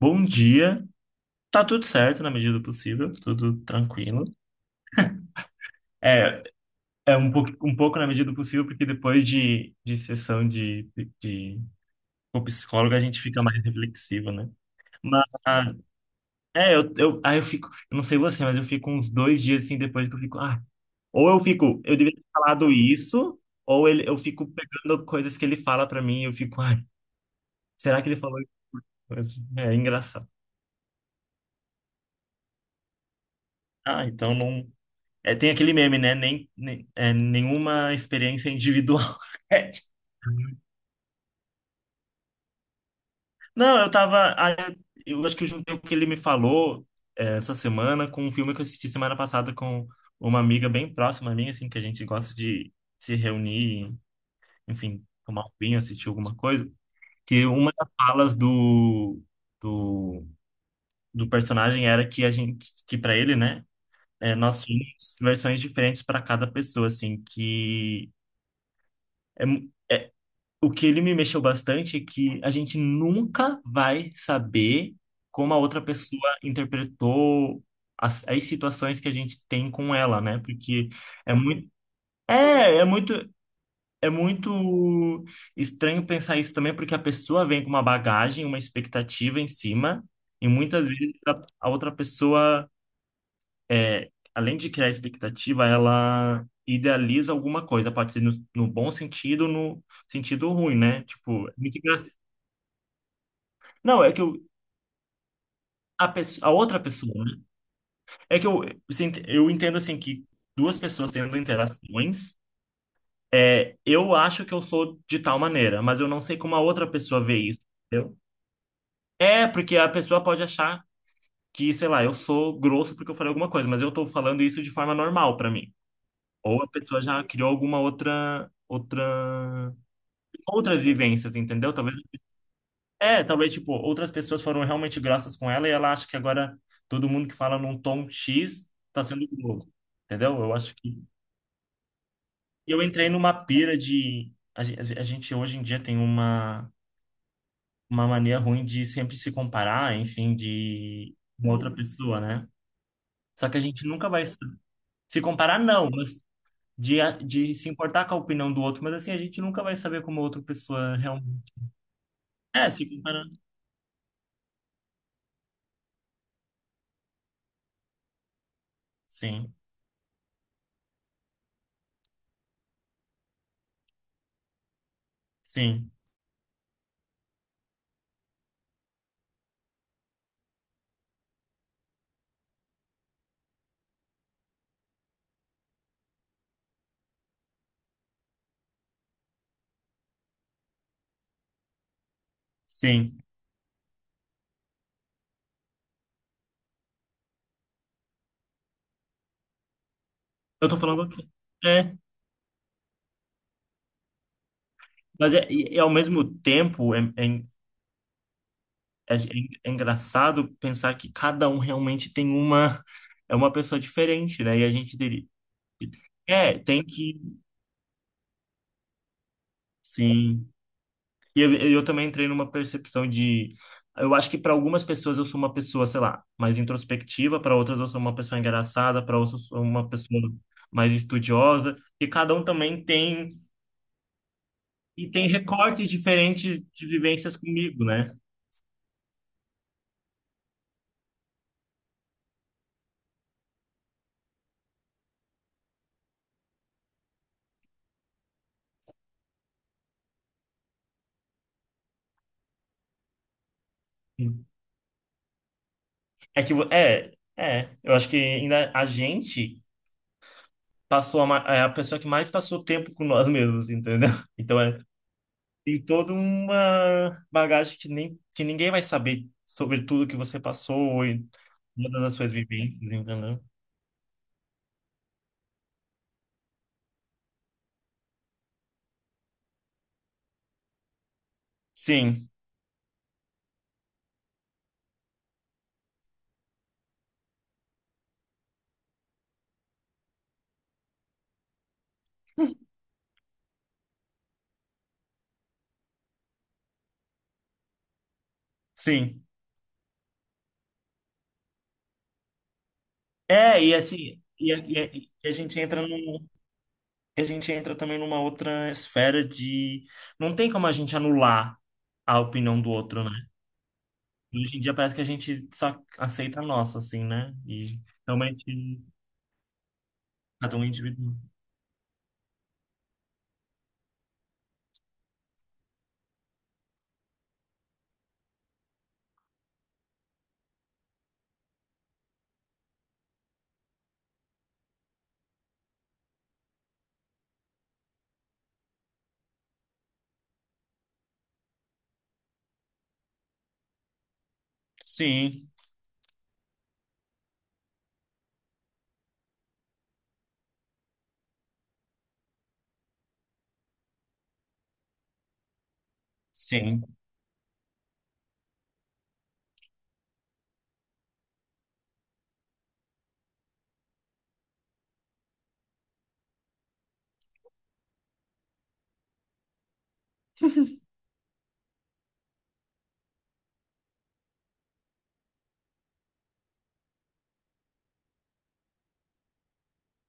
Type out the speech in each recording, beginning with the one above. Bom dia. Tá tudo certo na medida do possível, tudo tranquilo. É, é um pouco na medida do possível, porque depois de sessão de, com psicólogo a gente fica mais reflexivo, né? Mas, aí eu fico, eu não sei você, mas eu fico uns dois dias assim depois que eu fico, ou eu fico, eu devia ter falado isso, ou ele, eu fico pegando coisas que ele fala pra mim e eu fico, ai, será que ele falou isso? É engraçado. Ah, então não. É, tem aquele meme, né? Nenhuma experiência é individual. É, tipo, não, eu tava. Eu acho que eu juntei o que ele me falou, é, essa semana com um filme que eu assisti semana passada com uma amiga bem próxima minha, assim, que a gente gosta de se reunir, enfim, tomar um vinho, assistir alguma coisa. Que uma das falas do, do personagem era que a gente, que para ele, né? É, nós tínhamos versões diferentes para cada pessoa, assim, que, é, o que ele me mexeu bastante é que a gente nunca vai saber como a outra pessoa interpretou as situações que a gente tem com ela, né? Porque é muito, é muito, é muito estranho pensar isso também, porque a pessoa vem com uma bagagem, uma expectativa em cima, e muitas vezes a outra pessoa, é, além de criar expectativa, ela idealiza alguma coisa, pode ser no bom sentido, no sentido ruim, né? Tipo, é muito engraçado. Não, é que eu, a outra pessoa, né? É que eu, eu entendo assim que duas pessoas tendo interações, é, eu acho que eu sou de tal maneira, mas eu não sei como a outra pessoa vê isso, entendeu? É, porque a pessoa pode achar que, sei lá, eu sou grosso porque eu falei alguma coisa, mas eu tô falando isso de forma normal pra mim. Ou a pessoa já criou alguma outras vivências, entendeu? Talvez é, talvez, tipo, outras pessoas foram realmente graças com ela e ela acha que agora todo mundo que fala num tom X tá sendo Globo. Entendeu? Eu acho que eu entrei numa pira de. A gente hoje em dia tem uma mania ruim de sempre se comparar, enfim, de uma outra pessoa, né? Só que a gente nunca vai se comparar, não, mas de se importar com a opinião do outro, mas assim, a gente nunca vai saber como a outra pessoa realmente. É, se comparar. Sim, sim, sim. Eu tô falando aqui. É. Mas é, e ao mesmo tempo é, é é engraçado pensar que cada um realmente tem uma é uma pessoa diferente, né? E a gente diria, é, tem que sim. E eu também entrei numa percepção de eu acho que para algumas pessoas eu sou uma pessoa, sei lá, mais introspectiva, para outras eu sou uma pessoa engraçada, para outras eu sou uma pessoa mais estudiosa, e cada um também tem e tem recortes diferentes de vivências comigo, né? É que, vo- é, é, eu acho que ainda a gente é a pessoa que mais passou tempo com nós mesmos, entendeu? Então é, tem toda uma bagagem que nem, que ninguém vai saber sobre tudo que você passou e todas as suas vivências, entendeu? Sim, sim. É, e assim, e a gente entra num, e a gente entra também numa outra esfera de não tem como a gente anular a opinião do outro, né? E hoje em dia parece que a gente só aceita a nossa, assim, né? E realmente cada um é indivíduo. Sim, sim,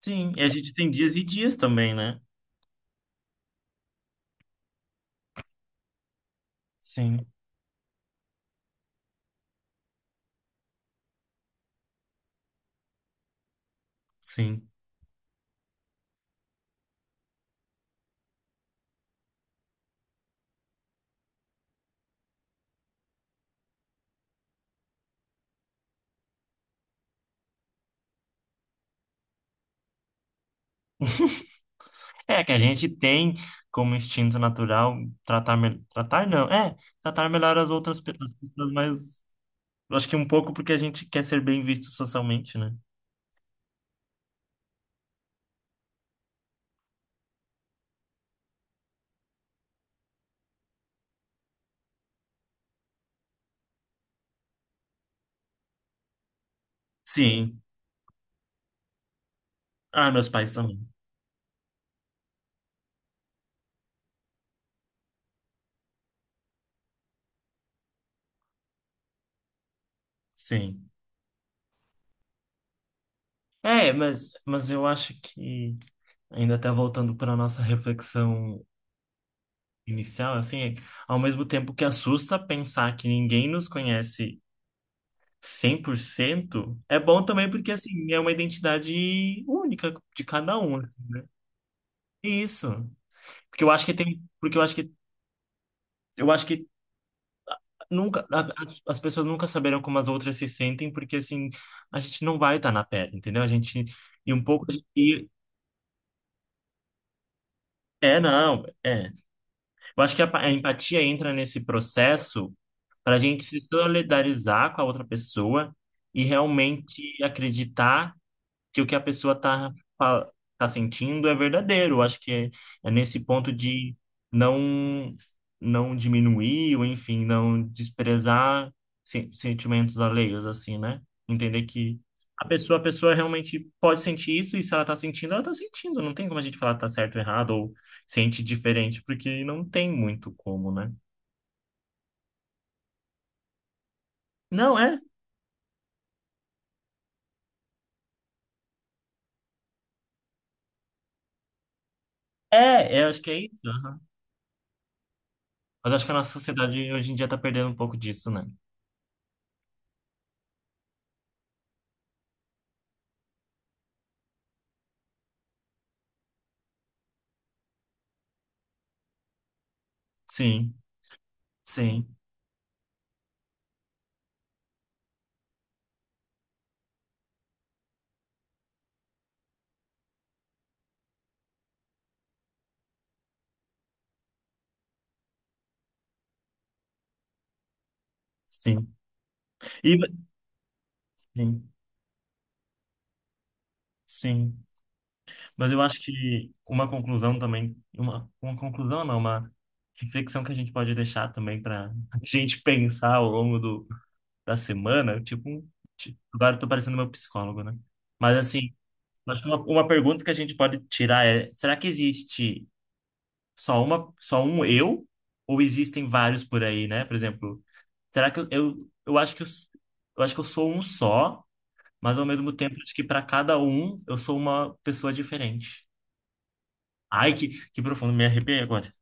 sim. E a gente tem dias e dias também, né? Sim, sim. É que a gente tem como instinto natural tratar, me- tratar não, é, tratar melhor as as pessoas, mas eu acho que um pouco porque a gente quer ser bem visto socialmente, né? Sim. Ah, meus pais também. Sim. É, mas eu acho que, ainda até voltando para a nossa reflexão inicial, assim, ao mesmo tempo que assusta pensar que ninguém nos conhece 100% é bom também porque, assim, é uma identidade única de cada um. É isso. Porque eu acho que tem, porque eu acho que nunca as pessoas nunca saberão como as outras se sentem, porque assim, a gente não vai estar na pele, entendeu? A gente e um pouco e é não, é eu acho que a empatia entra nesse processo para a gente se solidarizar com a outra pessoa e realmente acreditar que o que a pessoa tá sentindo é verdadeiro. Eu acho que é, é nesse ponto de não não diminuir ou enfim, não desprezar sentimentos alheios assim, né? Entender que a pessoa realmente pode sentir isso e se ela tá sentindo, ela tá sentindo. Não tem como a gente falar que tá certo ou errado ou sente diferente, porque não tem muito como, né? Não, é. É, é, acho que é isso. Aham. Mas acho que a nossa sociedade hoje em dia tá perdendo um pouco disso, né? Sim, sim, sim. E, sim, sim. Mas eu acho que uma conclusão também, uma conclusão não, uma reflexão que a gente pode deixar também para a gente pensar ao longo da semana, tipo, agora eu tô parecendo meu psicólogo, né? Mas assim, eu acho que uma pergunta que a gente pode tirar é, será que existe só uma, só um eu? Ou existem vários por aí, né? Por exemplo, será que eu acho que eu acho que eu sou um só? Mas ao mesmo tempo, acho que para cada um eu sou uma pessoa diferente. Ai, que profundo, me arrepiei agora.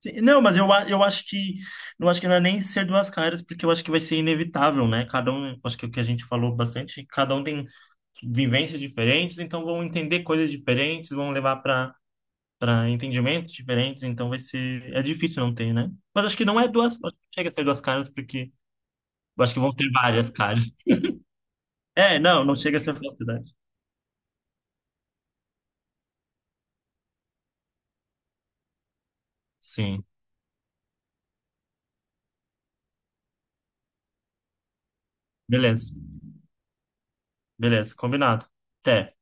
Sim, não, mas eu, eu acho que não é nem ser duas caras, porque eu acho que vai ser inevitável, né? Cada um, acho que é o que a gente falou bastante, cada um tem vivências diferentes, então vão entender coisas diferentes, vão levar para para entendimentos diferentes, então vai ser é difícil não ter, né? Mas acho que não é duas, acho que não chega a ser duas caras, porque eu acho que vão ter várias caras. É, não, não chega a ser duas verdade. Sim, beleza. Beleza, combinado. Até.